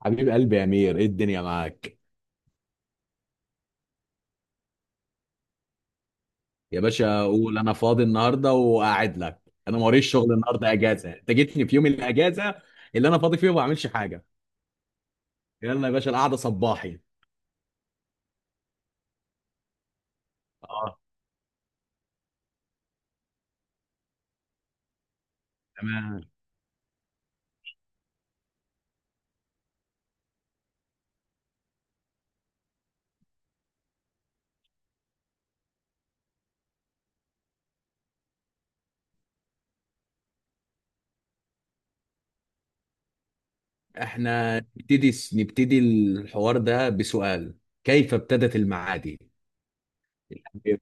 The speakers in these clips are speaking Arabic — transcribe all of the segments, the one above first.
حبيب قلبي يا امير، ايه الدنيا معاك؟ يا باشا قول، انا فاضي النهارده وقاعد لك. انا موريش شغل النهارده، اجازه. انت جيتني في يوم الاجازه اللي انا فاضي فيه وما بعملش حاجه. يلا يا باشا، القعده صباحي. اه، تمام. احنا نبتدي الحوار ده بسؤال: كيف ابتدت المعادي؟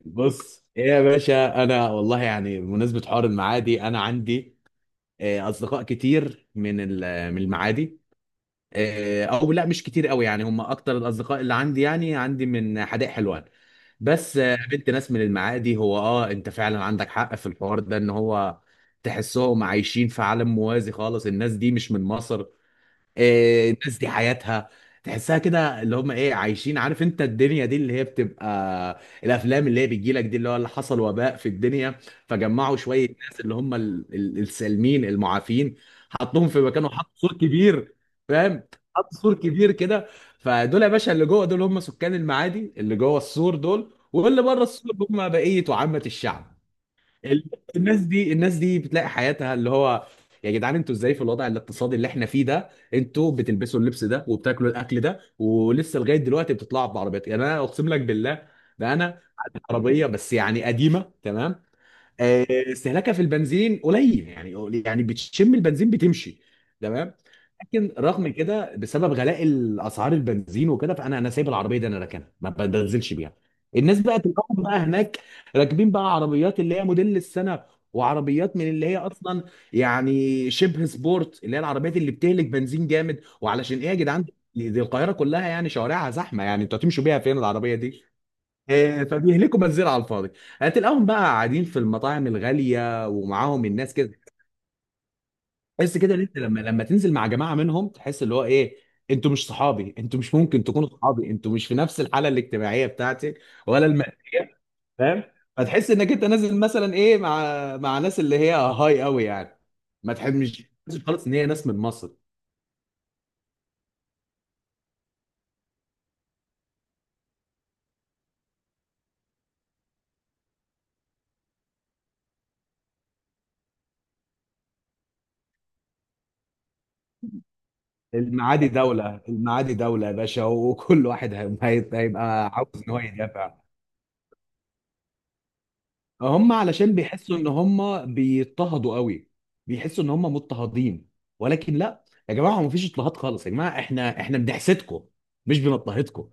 بص ايه يا باشا، انا والله يعني بمناسبه حوار المعادي انا عندي اصدقاء كتير من المعادي. او لا، مش كتير قوي يعني، هم اكتر الاصدقاء اللي عندي يعني عندي من حدائق حلوان. بس قابلت ناس من المعادي. هو اه انت فعلا عندك حق في الحوار ده، ان هو تحسهم عايشين في عالم موازي خالص، الناس دي مش من مصر. الناس دي حياتها تحسها كده، اللي هم ايه عايشين؟ عارف انت الدنيا دي اللي هي بتبقى الافلام اللي هي بتجي لك دي، اللي هو اللي حصل وباء في الدنيا فجمعوا شويه ناس اللي هم السالمين المعافين، حطوهم في مكان وحطوا سور كبير. فاهم؟ حطوا سور كبير كده. فدول يا باشا اللي جوه دول هم سكان المعادي اللي جوه السور، دول واللي بره السور هم بقيه وعامه الشعب. ال- الناس دي، الناس دي بتلاقي حياتها اللي هو: يا جدعان انتوا ازاي في الوضع الاقتصادي اللي احنا فيه ده انتوا بتلبسوا اللبس ده وبتاكلوا الاكل ده ولسه لغايه دلوقتي بتطلعوا بعربيات؟ يعني انا اقسم لك بالله ده انا عندي عربيه بس يعني قديمه. تمام، آه، استهلاكها في البنزين قليل، يعني يعني بتشم البنزين بتمشي. تمام. لكن رغم كده بسبب غلاء الاسعار البنزين وكده فانا سايب العربيه دي، انا راكنها ما بنزلش بيها. الناس بقى تلاقيهم بقى هناك راكبين بقى عربيات اللي هي موديل السنه، وعربيات من اللي هي اصلا يعني شبه سبورت، اللي هي العربيات اللي بتهلك بنزين جامد. وعلشان ايه يا جدعان؟ دي القاهره كلها يعني شوارعها زحمه، يعني انتوا هتمشوا بيها فين العربيه؟ فبيهلكوا بنزين على الفاضي. هتلاقيهم بقى قاعدين في المطاعم الغاليه ومعاهم الناس كده. تحس كده ان انت لما تنزل مع جماعه منهم تحس اللي هو ايه، انتوا مش صحابي، انتوا مش ممكن تكونوا صحابي، انتوا مش في نفس الحاله الاجتماعيه بتاعتي ولا الماديه. فاهم؟ فتحس انك انت نازل مثلا ايه مع ناس اللي هي هاي قوي يعني. ما تحبش خالص ان هي ناس من مصر. المعادي دوله، المعادي دوله يا باشا، وكل واحد هيبقى عاوز ان هو يدافع. هم علشان بيحسوا ان هم بيضطهدوا قوي، بيحسوا ان هم مضطهدين. ولكن لا يا جماعه، هو مفيش اضطهاد خالص يا جماعه، احنا بنحسدكم مش بنضطهدكم.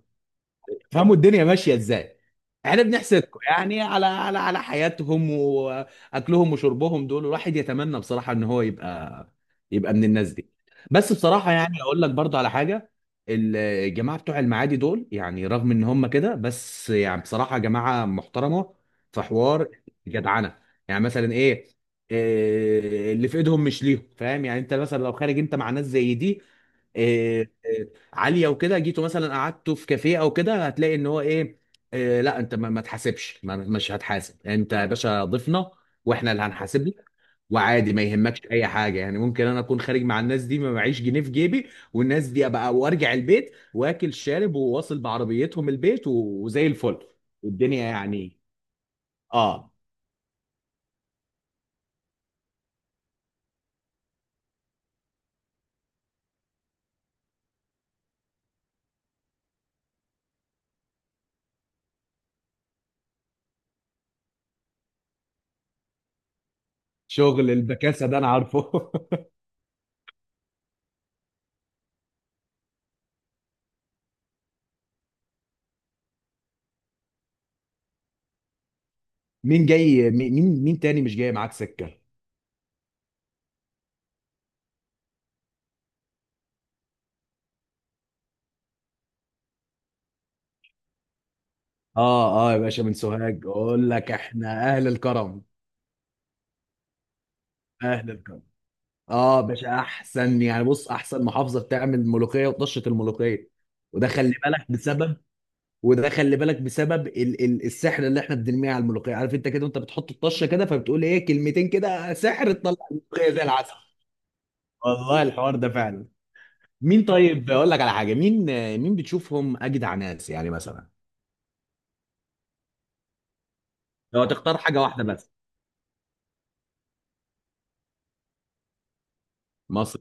فهموا الدنيا ماشيه ازاي. احنا بنحسدكم يعني على حياتهم واكلهم وشربهم. دول الواحد يتمنى بصراحه ان هو يبقى من الناس دي. بس بصراحه يعني اقول لك برضو على حاجه، الجماعه بتوع المعادي دول يعني رغم ان هم كده، بس يعني بصراحه جماعه محترمه، في حوار جدعنه. يعني مثلا ايه، اللي في ايدهم مش ليهم. فاهم يعني؟ انت مثلا لو خارج انت مع ناس زي دي آه، آه، عاليه وكده، جيته مثلا قعدته في كافيه او كده، هتلاقي ان هو ايه: آه لا انت ما تحاسبش، مش هتحاسب انت يا باشا، ضيفنا، واحنا اللي هنحاسب لك. وعادي ما يهمكش اي حاجه يعني. ممكن انا اكون خارج مع الناس دي ما معيش جنيه في جيبي والناس دي ابقى وارجع البيت واكل شارب وواصل بعربيتهم البيت وزي الفل. والدنيا يعني. اه، شغل البكاسه ده انا عارفه. مين جاي؟ مين تاني مش جاي معاك سكه؟ اه، اه يا باشا، من سوهاج. اقول لك، احنا اهل الكرم، اهل الكرم. اه باشا، احسن يعني. بص، احسن محافظه بتعمل ملوخيه وطشه الملوخيه. وده خلي بالك بسبب، وده خلي بالك بسبب ال السحر اللي احنا بنرميه على الملوخيه. عارف انت كده، وانت بتحط الطشه كده فبتقول ايه كلمتين كده سحر، تطلع الملوخيه زي العسل. والله الحوار ده فعلا. مين طيب، اقول لك على حاجه: مين، مين بتشوفهم اجدع ناس يعني مثلا؟ لو تختار حاجه واحده بس. مصر.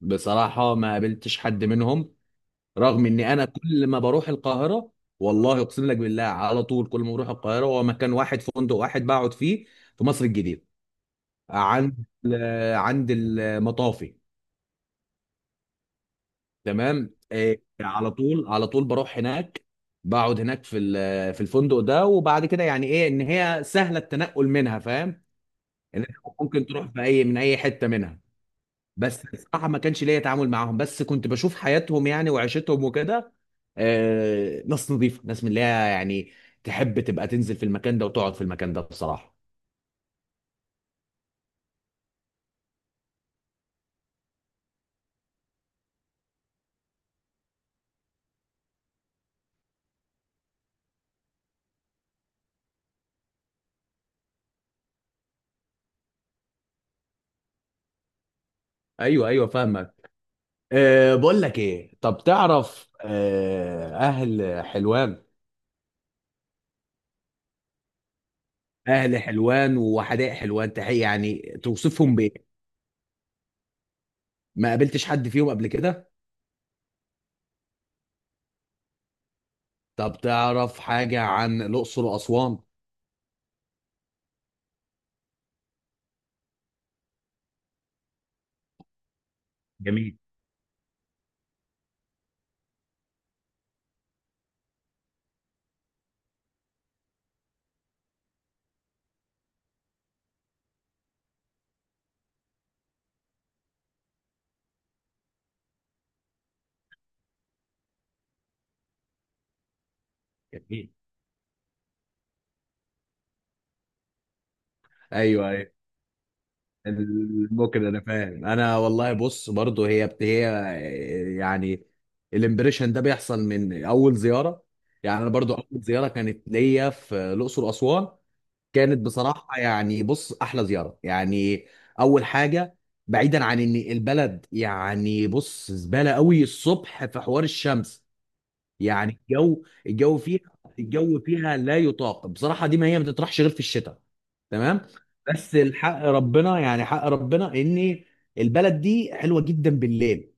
بصراحه ما قابلتش حد منهم، رغم ان انا كل ما بروح القاهره، والله اقسم لك بالله على طول كل ما بروح القاهره هو مكان واحد فندق واحد بقعد فيه في مصر الجديده، عند المطافي. تمام، على طول على طول بروح هناك، بقعد هناك في الفندق ده. وبعد كده يعني ايه ان هي سهله التنقل منها. فاهم ان إنت ممكن تروح في اي من اي حته منها. بس الصراحه ما كانش ليا تعامل معاهم، بس كنت بشوف حياتهم يعني وعيشتهم وكده. ناس نظيفه، ناس من اللي هي يعني تحب تبقى تنزل في المكان ده وتقعد في المكان ده بصراحه. ايوه ايوه، فاهمك. أه بقول لك ايه، طب تعرف أه اهل حلوان؟ اهل حلوان وحدائق حلوان تحية، يعني توصفهم بايه؟ ما قابلتش حد فيهم قبل كده. طب تعرف حاجه عن الاقصر واسوان؟ جميل جميل. ايوه أيوه. ممكن انا فاهم. انا والله بص برضو هي هي يعني، الامبريشن ده بيحصل من اول زياره. يعني انا برضو اول زياره كانت ليا في الاقصر واسوان كانت بصراحه يعني بص احلى زياره يعني. اول حاجه، بعيدا عن ان البلد يعني بص زباله قوي الصبح في حوار الشمس، يعني الجو الجو فيها، الجو فيها لا يطاق بصراحه. دي ما هي ما تطرحش غير في الشتاء. تمام. بس الحق ربنا يعني حق ربنا ان البلد دي حلوه جدا بالليل،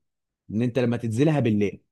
ان انت لما تنزلها بالليل.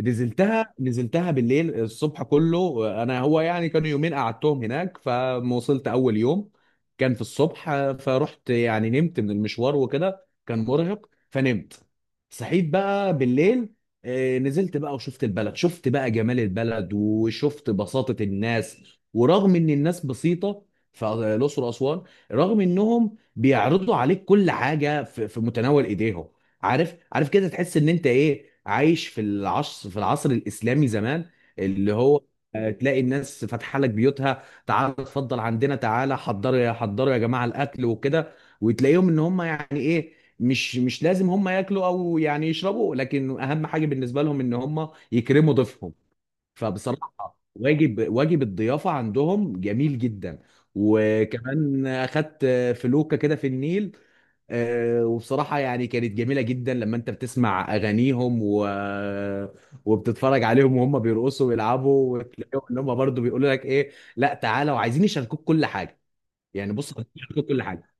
نزلتها بالليل. الصبح كله انا هو يعني كانوا يومين قعدتهم هناك، فما وصلت اول يوم كان في الصبح، فرحت يعني نمت من المشوار وكده، كان مرهق فنمت. صحيت بقى بالليل، نزلت بقى وشفت البلد، شفت بقى جمال البلد وشفت بساطة الناس. ورغم ان الناس بسيطة في الأقصر وأسوان، رغم انهم بيعرضوا عليك كل حاجة في متناول ايديهم، عارف عارف كده، تحس ان انت ايه عايش في العصر الاسلامي زمان، اللي هو تلاقي الناس فاتحه لك بيوتها، تعالى اتفضل عندنا، تعالى حضروا يا حضروا يا جماعه الاكل وكده. وتلاقيهم ان هم يعني ايه، مش مش لازم هم ياكلوا او يعني يشربوا، لكن اهم حاجه بالنسبه لهم ان هم يكرموا ضيفهم. فبصراحه واجب، واجب الضيافه عندهم جميل جدا. وكمان اخدت فلوكه كده في النيل، وبصراحة يعني كانت جميلة جدا لما انت بتسمع اغانيهم و... وبتتفرج عليهم وهم بيرقصوا ويلعبوا، وتلاقيهم ان هم برضه بيقولوا لك ايه لا تعالى، وعايزين يشاركوك كل حاجة. يعني بص، عايزين يشاركوك كل حاجة.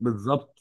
بالظبط.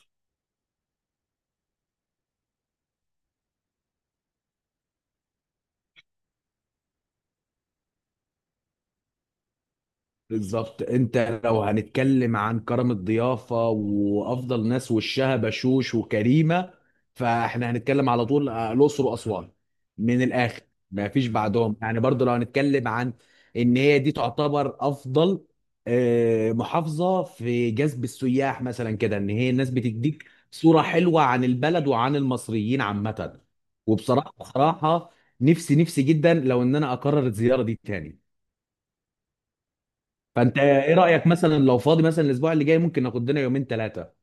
بالظبط، انت لو هنتكلم عن كرم الضيافه وافضل ناس وشها بشوش وكريمه، فاحنا هنتكلم على طول الاقصر واسوان، من الاخر، ما فيش بعدهم. يعني برضو لو هنتكلم عن ان هي دي تعتبر افضل محافظه في جذب السياح مثلا كده، ان هي الناس بتديك صوره حلوه عن البلد وعن المصريين عامه. وبصراحه بصراحه، نفسي نفسي جدا لو ان انا اقرر الزياره دي تاني. فانت ايه رايك مثلا لو فاضي مثلا الاسبوع اللي جاي ممكن ناخد لنا يومين ثلاثه؟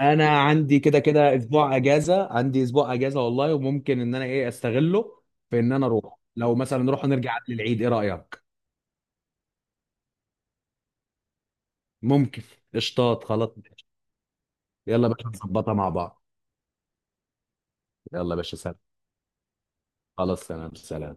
انا عندي كده كده اسبوع اجازه، عندي اسبوع اجازه والله، وممكن ان انا ايه استغله في ان انا اروح. لو مثلا نروح نرجع قبل العيد ايه رايك؟ ممكن. قشطات، خلاص، ماشي. يلا يا باشا، نظبطها مع بعض. يلا يا باشا سلام. خلاص سلام سلام.